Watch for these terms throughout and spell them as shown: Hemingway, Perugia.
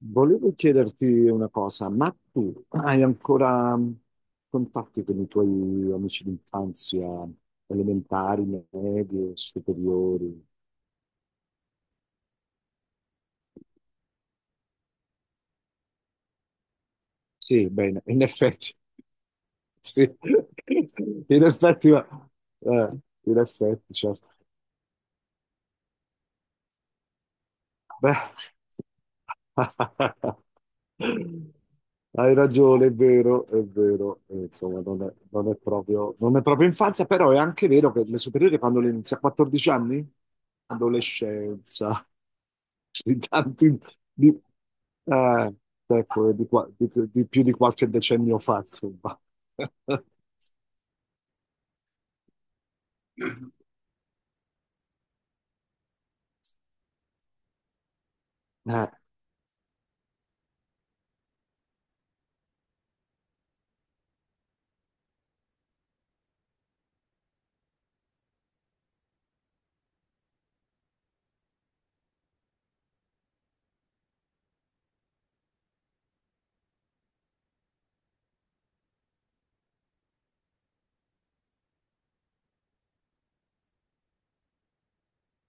Volevo chiederti una cosa, ma tu hai ancora contatti con i tuoi amici d'infanzia elementari, medie, superiori? Sì, bene, in effetti, sì. In effetti, eh, certo. Beh, hai ragione, è vero, è vero. Insomma, non è proprio infanzia, però è anche vero che le superiori quando le inizi a 14 anni? Adolescenza, di tanti, di, eh, ecco, di più di qualche decennio fa, insomma. Eh,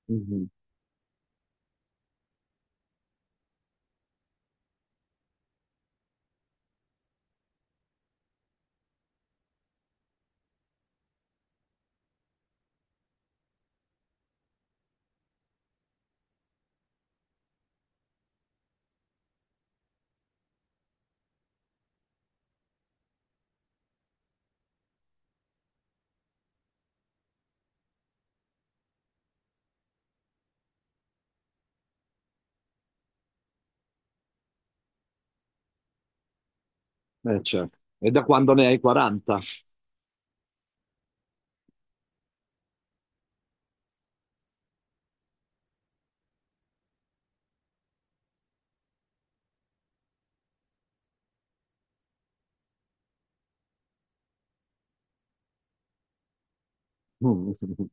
mhm, certo. E da quando ne hai 40?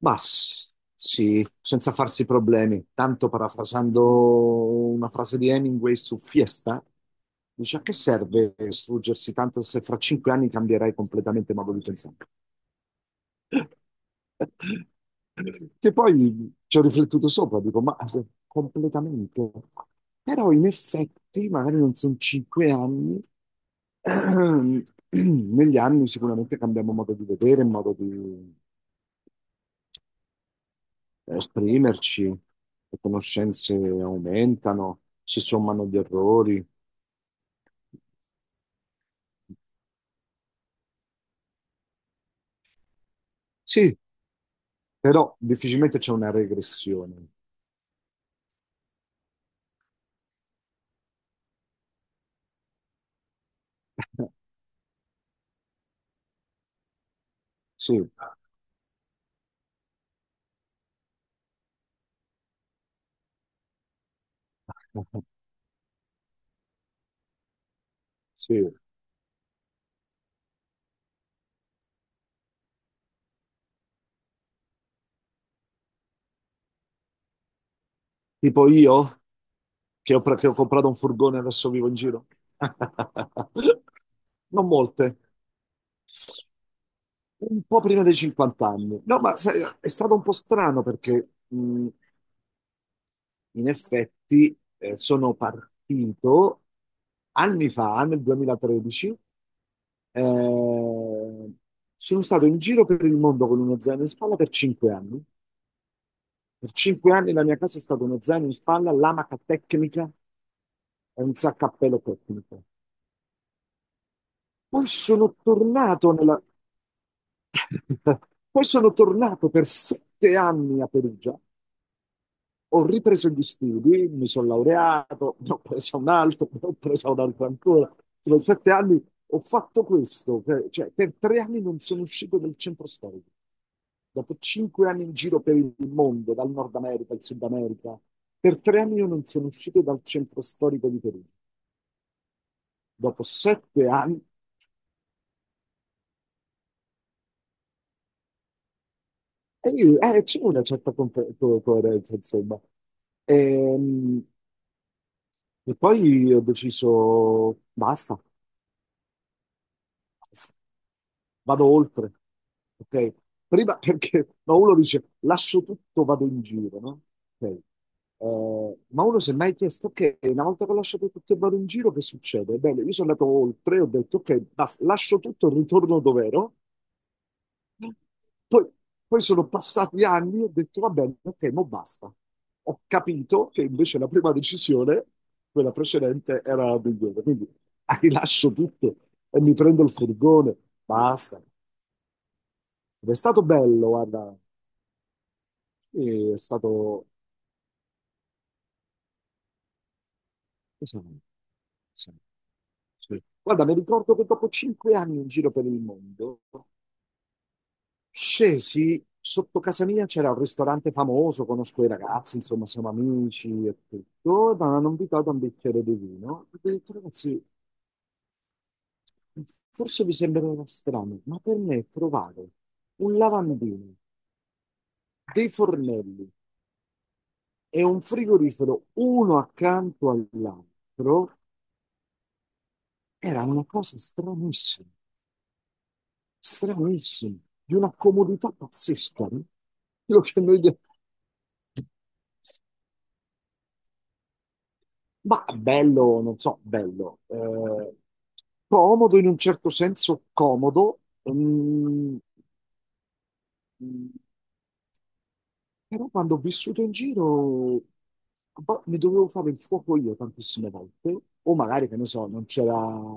Ma sì, senza farsi problemi. Tanto parafrasando una frase di Hemingway su Fiesta, dice a che serve struggersi tanto se fra 5 anni cambierai completamente modo di pensare. Che poi ci ho riflettuto sopra, dico, ma completamente. Però in effetti, magari non sono 5 anni, negli anni sicuramente cambiamo modo di vedere, modo di esprimerci, le conoscenze aumentano, si sommano gli errori. Sì, però difficilmente c'è una regressione. Sì, sì. Tipo io, che ho comprato un furgone e adesso vivo in giro. Non molte. Un po' prima dei 50 anni. No, ma sai, è stato un po' strano perché in effetti, sono partito anni fa, nel 2013, eh, sono stato in giro per il mondo con uno zaino in spalla per 5 anni. Per cinque anni la mia casa è stata uno zaino in spalla, l'amaca tecnica e un saccappello tecnico. Poi sono tornato nella. Poi sono tornato per 7 anni a Perugia. Ho ripreso gli studi, mi sono laureato, ne ho preso un altro, ne ho preso un altro ancora. Sono 7 anni, ho fatto questo, cioè per 3 anni non sono uscito dal centro storico. Dopo 5 anni in giro per il mondo, dal Nord America al Sud America, per 3 anni io non sono uscito dal centro storico di Perugia. Dopo 7 anni, c'è una certa coerenza, insomma. Ehm, E poi ho deciso, basta. Vado oltre. Ok? Prima perché no, uno dice lascio tutto, vado in giro, no? Ok. Ma uno si è mai chiesto, ok, una volta che ho lasciato tutto e vado in giro, che succede? Bene, io sono andato oltre, ho detto, ok, basta, lascio tutto, ritorno dove ero. Poi, poi sono passati anni e ho detto, va bene, ok, mo basta. Ho capito che invece la prima decisione, quella precedente, era la migliore. Quindi ah, rilascio tutto e mi prendo il furgone, basta. Ed è stato bello, guarda, è stato... che sono- sono- sì. Guarda, mi ricordo che dopo 5 anni in giro per il mondo, scesi sotto casa mia, c'era un ristorante famoso, conosco i ragazzi, insomma, siamo amici e tutto, mi hanno invitato a un bicchiere di vino. Ho detto, ragazzi, forse vi sembrerà strano, ma per me trovare un lavandino, dei fornelli e un frigorifero uno accanto all'altro era una cosa stranissima. Stranissimo, di una comodità pazzesca, no? quello che noi... de- Ma bello, non so, bello. Comodo in un certo senso, comodo. mm, Però quando ho vissuto in giro boh, mi dovevo fare il fuoco io tantissime volte, o magari, che ne so, non c'era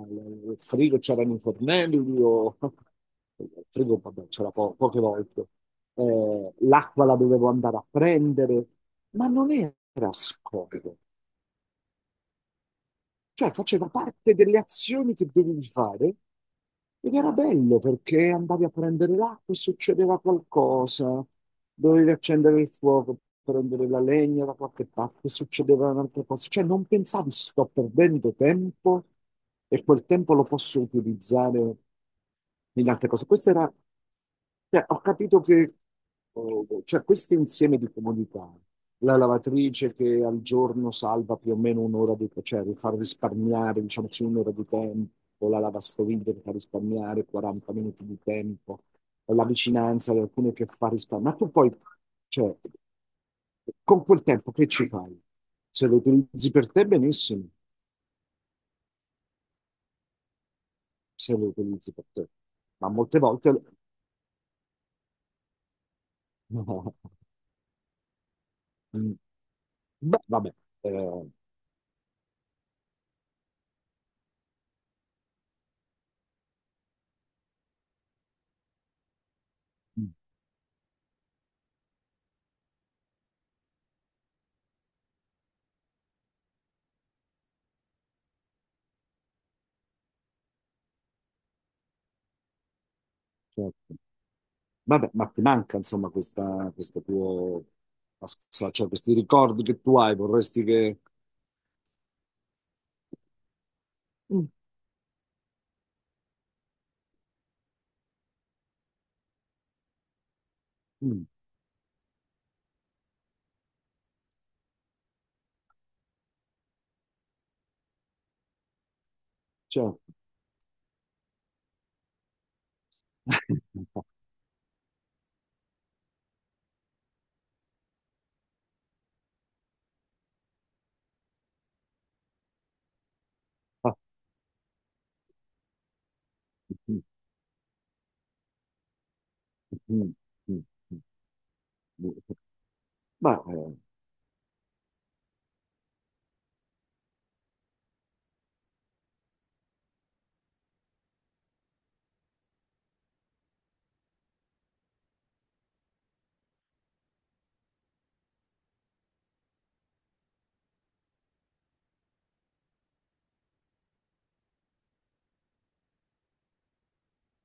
il frigo, c'erano i fornelli, o il frigo, vabbè, c'era poche volte. L'acqua la dovevo andare a prendere, ma non era scomodo. Cioè, faceva parte delle azioni che dovevi fare ed era bello perché andavi a prendere l'acqua e succedeva qualcosa, dovevi accendere il fuoco, prendere la legna da qualche parte, succedeva un'altra cosa. Cioè, non pensavi sto perdendo tempo e quel tempo lo posso utilizzare in altre cose. Questo era, cioè, ho capito che, cioè, questo insieme di comunità, la lavatrice che al giorno salva più o meno un'ora di cioè far risparmiare, diciamo così, un'ora di tempo, la lavastoviglie che fa risparmiare 40 minuti di tempo, la vicinanza di alcune che fa risparmiare. Ma tu poi, cioè, con quel tempo che ci fai? Se lo utilizzi per te, benissimo, se lo utilizzi per te, ma molte volte. Beh, vabbè, eh, mm, certo. Vabbè, ma ti manca insomma questa, questo tuo passaggio, cioè questi ricordi che tu hai, vorresti che. Mm, mm, certo. Mm, mm, mm. Mm. Ma eh,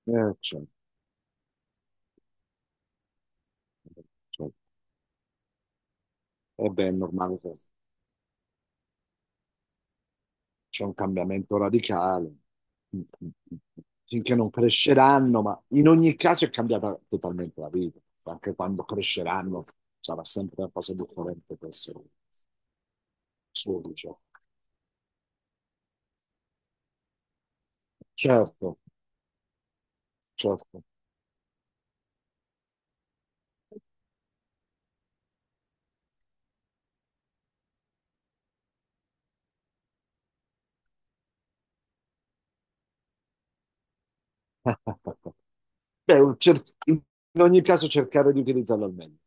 eh, certo, certo. Eh beh, è normale, che c'è un cambiamento radicale. Mm, mm, mm. Mm. Finché non cresceranno, ma in ogni caso è cambiata totalmente la vita. Anche quando cresceranno sarà sempre una cosa differente per essere suo, diciamo. Certo, certo. Beh, in ogni caso cercare di utilizzarlo al meglio.